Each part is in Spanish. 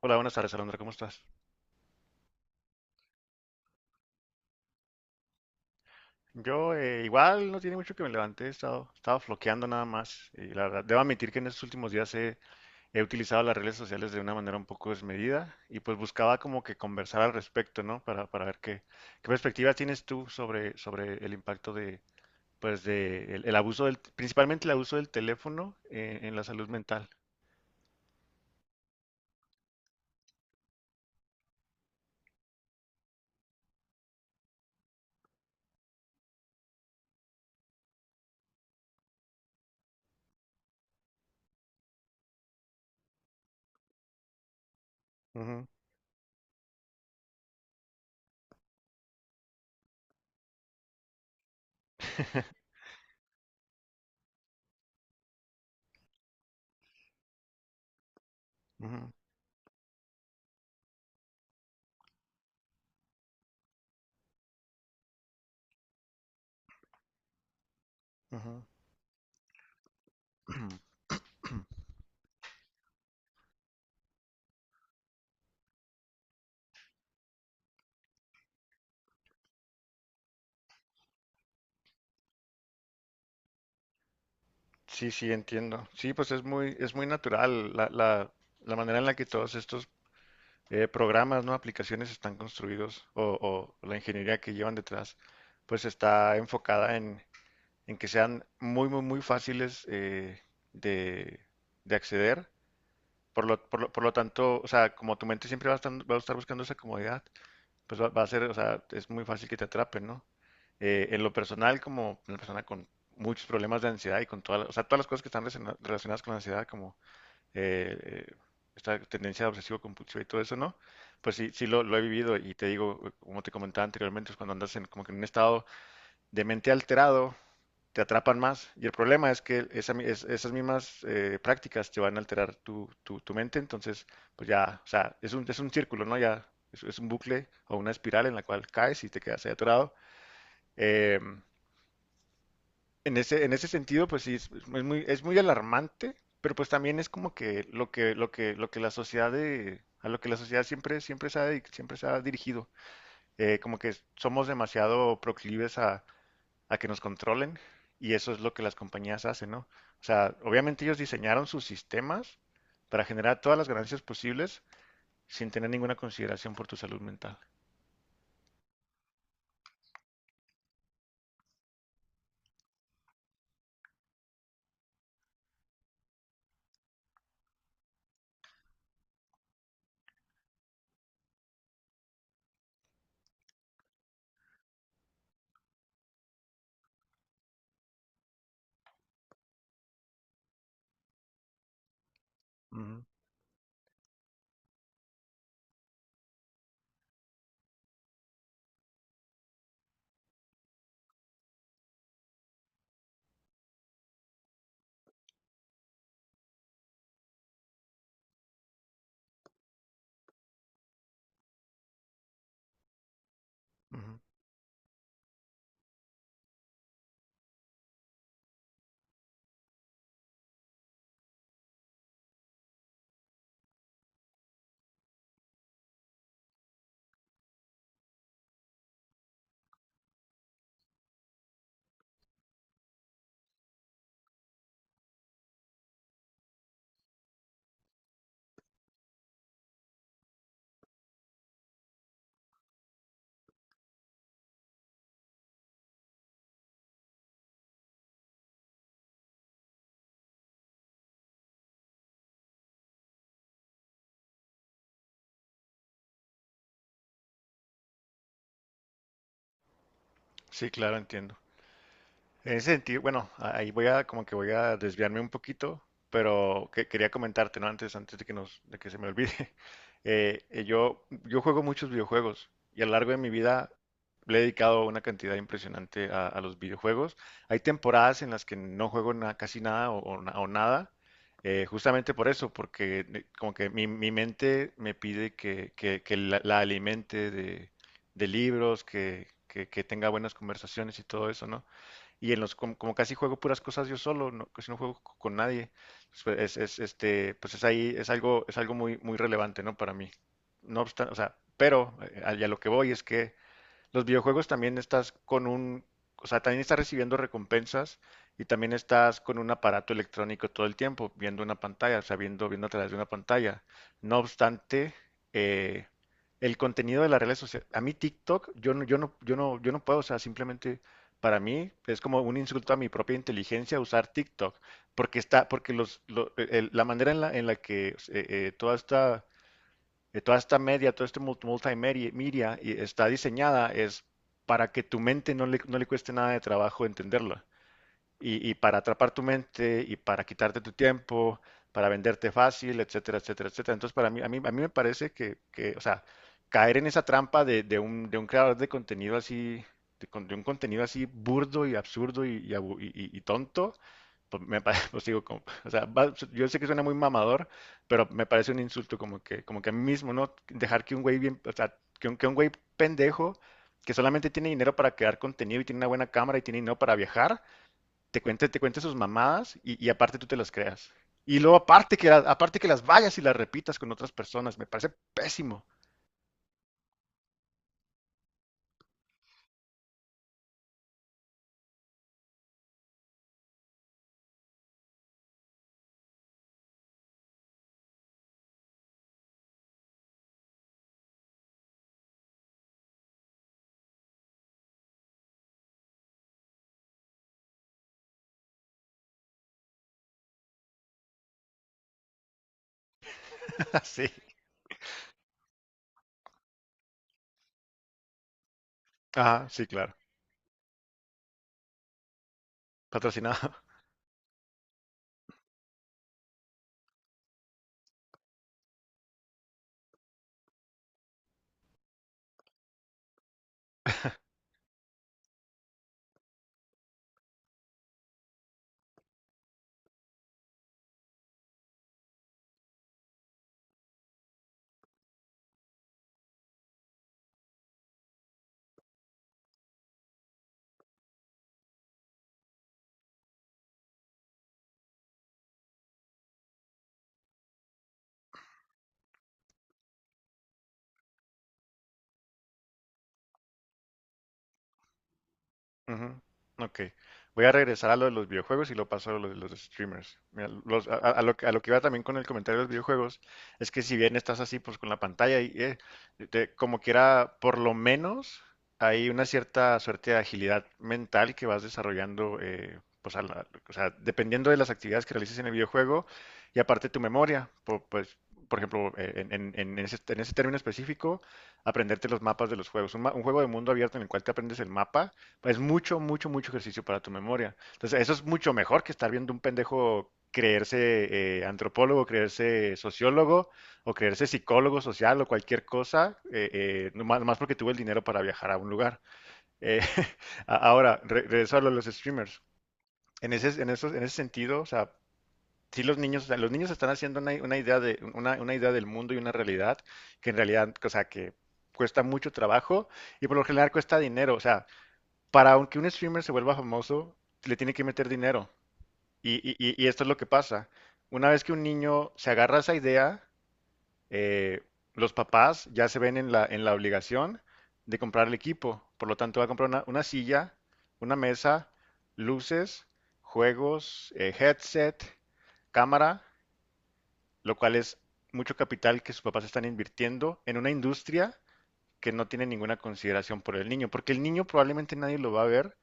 Hola, buenas tardes, Alondra, ¿cómo estás? Yo igual no tiene mucho que me levanté, he estado, estaba floqueando nada más. Y la verdad, debo admitir que en estos últimos días he utilizado las redes sociales de una manera un poco desmedida y pues buscaba como que conversar al respecto, ¿no? Para ver qué perspectiva tienes tú sobre el impacto de, pues, de el abuso del, principalmente el abuso del teléfono en la salud mental. Ujú. Ujú, ujú. Sí, sí, entiendo. Sí, pues es muy natural la manera en la que todos estos programas, ¿no? Aplicaciones están construidos o la ingeniería que llevan detrás, pues está enfocada en que sean muy, muy, muy fáciles de, de acceder. Por lo tanto, o sea, como tu mente siempre va a estar buscando esa comodidad, pues va, va a ser, o sea, es muy fácil que te atrapen, ¿no? En lo personal, como una persona con muchos problemas de ansiedad y con todas, o sea, todas las cosas que están relacionadas con la ansiedad, como eh, eh, esta tendencia obsesivo-compulsiva y todo eso, ¿no? Pues sí, sí lo he vivido y te digo, como te comentaba anteriormente, es cuando andas en, como que en un estado de mente alterado, te atrapan más. Y el problema es que esas mismas prácticas te van a alterar tu mente, entonces, pues ya, o sea, es un círculo, ¿no? Ya es un bucle o una espiral en la cual caes y te quedas ahí atorado. Em, en ese, en ese sentido, pues sí, es muy alarmante, pero pues también es como que lo que la sociedad a lo que la sociedad siempre se ha, siempre se ha dirigido. Como que somos demasiado proclives a que nos controlen y eso es lo que las compañías hacen, ¿no? O sea, obviamente ellos diseñaron sus sistemas para generar todas las ganancias posibles sin tener ninguna consideración por tu salud mental. Ujú, ujú. Sí, claro, entiendo. En ese sentido, bueno, ahí voy a como que voy a desviarme un poquito, pero quería comentarte, ¿no? Antes de que nos, de que se me olvide. Yo juego muchos videojuegos y a lo largo de mi vida le he dedicado una cantidad impresionante a los videojuegos. Hay temporadas en las que no juego casi nada o nada, justamente por eso, porque como que mi mente me pide que la alimente de libros, que tenga buenas conversaciones y todo eso, ¿no? Y en los, como, como casi juego puras cosas yo solo, no, casi no juego con nadie, pues, es, este, pues es ahí, es algo muy, muy relevante, ¿no? Para mí. No obstante, o sea, pero a lo que voy es que los videojuegos también estás con un, o sea, también estás recibiendo recompensas y también estás con un aparato electrónico todo el tiempo, viendo una pantalla, o sea, viendo a través de una pantalla. No obstante, eh, el contenido de las redes sociales, a mí TikTok, yo no puedo, o sea, simplemente para mí es como un insulto a mi propia inteligencia usar TikTok, porque está, porque la manera en en la que eh, toda esta toda esta todo este multimedia está diseñada es para que tu mente no le cueste nada de trabajo entenderlo. Y para atrapar tu mente y para quitarte tu tiempo, para venderte fácil, etcétera, etcétera, etcétera. Entonces, para mí, a mí, a mí me parece o sea, caer en esa trampa de un creador de contenido así, de un contenido así burdo y absurdo y y tonto, pues, pues digo, como, o sea, yo sé que suena muy mamador, pero me parece un insulto como como que a mí mismo, ¿no? Dejar que un güey bien, o sea, que un güey pendejo que solamente tiene dinero para crear contenido y tiene una buena cámara y tiene dinero para viajar, te cuente sus mamadas y aparte tú te las creas. Y luego aparte que, aparte que las vayas y las repitas con otras personas, me parece pésimo. Sí. Ajá, sí, claro. Patrocinado. Ujú. Ok. Voy a regresar a lo de los videojuegos y lo paso a lo de los streamers. Mira, a lo que iba también con el comentario de los videojuegos es que si bien estás así pues con la pantalla y como quiera, por lo menos hay una cierta suerte de agilidad mental que vas desarrollando, pues o sea, dependiendo de las actividades que realices en el videojuego y aparte tu memoria, pues por ejemplo, en ese término específico, aprenderte los mapas de los juegos. Un juego de mundo abierto en el cual te aprendes el mapa es mucho, mucho, mucho ejercicio para tu memoria. Entonces, eso es mucho mejor que estar viendo un pendejo creerse antropólogo, creerse sociólogo o creerse psicólogo social o cualquier cosa, nomás porque tuvo el dinero para viajar a un lugar. Eh, ahora, regreso a lo de los streamers. En en ese sentido, o sea, sí los niños, o sea, los niños están haciendo una idea de, una idea del mundo y una realidad que en realidad, o sea, que cuesta mucho trabajo y por lo general cuesta dinero. O sea, para aunque un streamer se vuelva famoso, le tiene que meter dinero. Y esto es lo que pasa. Una vez que un niño se agarra a esa idea, eh, los papás ya se ven en en la obligación de comprar el equipo. Por lo tanto, va a comprar una silla, una mesa, luces, juegos, headset, cámara, lo cual es mucho capital que sus papás están invirtiendo en una industria que no tiene ninguna consideración por el niño, porque el niño probablemente nadie lo va a ver,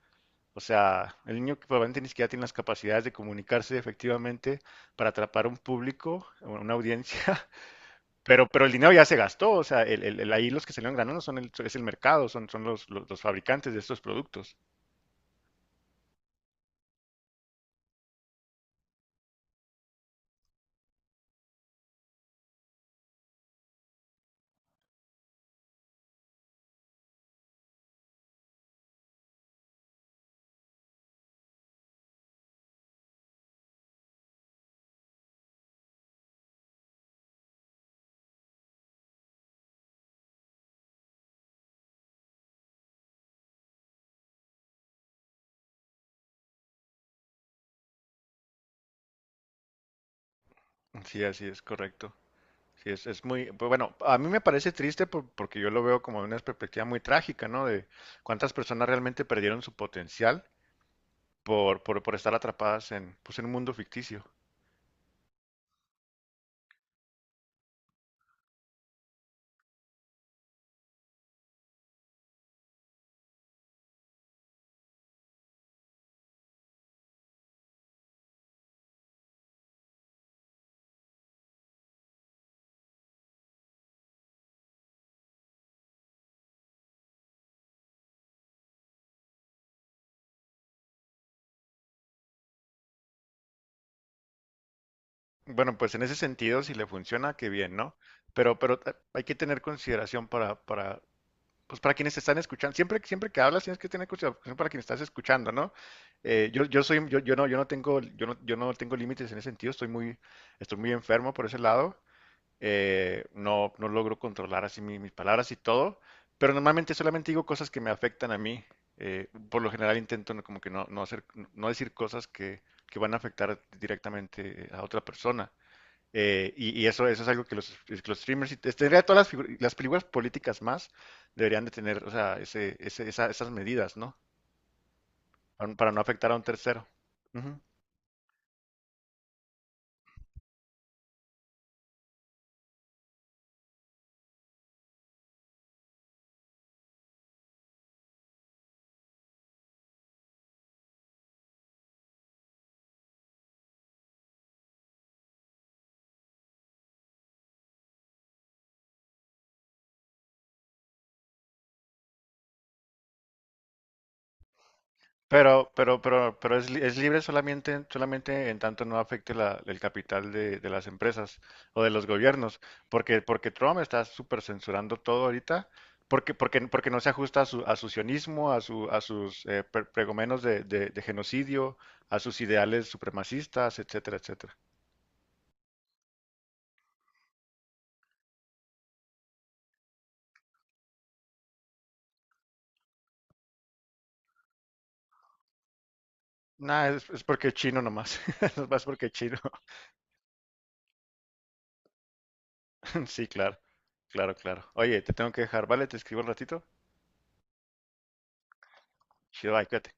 o sea, el niño que probablemente ni siquiera tiene las capacidades de comunicarse efectivamente para atrapar un público, una audiencia, pero el dinero ya se gastó, o sea, ahí los que salieron ganando es el mercado, son los fabricantes de estos productos. Sí, así es, correcto. Sí, es muy, pues, bueno, a mí me parece triste porque yo lo veo como una perspectiva muy trágica, ¿no? De cuántas personas realmente perdieron su potencial por estar atrapadas en, pues, en un mundo ficticio. Bueno, pues en ese sentido, si le funciona, qué bien, ¿no? Pero, hay que tener consideración para, pues para quienes te están escuchando. Siempre, siempre que hablas, tienes que tener consideración para quienes estás escuchando, ¿no? Yo soy, yo no tengo límites en ese sentido. Estoy muy enfermo por ese lado. No, no logro controlar así mis palabras y todo. Pero normalmente solamente digo cosas que me afectan a mí. Por lo general intento como que no, no hacer, no decir cosas que van a afectar directamente a otra persona. Y, y eso es algo que que los streamers, y tendría todas las, las películas políticas más, deberían de tener, o sea, esas medidas, ¿no? Para, no para no afectar a un tercero. Ujú. Pero es, es libre solamente, solamente en tanto no afecte el capital de las empresas o de los gobiernos, porque, porque Trump está súper censurando todo ahorita, porque no se ajusta a su sionismo, a su, a sus pregomenos de, de genocidio, a sus ideales supremacistas, etcétera, etcétera. Nah, es porque es chino nomás. Nomás porque es chino. Sí, claro. Claro, claro. Oye, te tengo que dejar, ¿vale? Te escribo un ratito. Chido, bye, cuídate.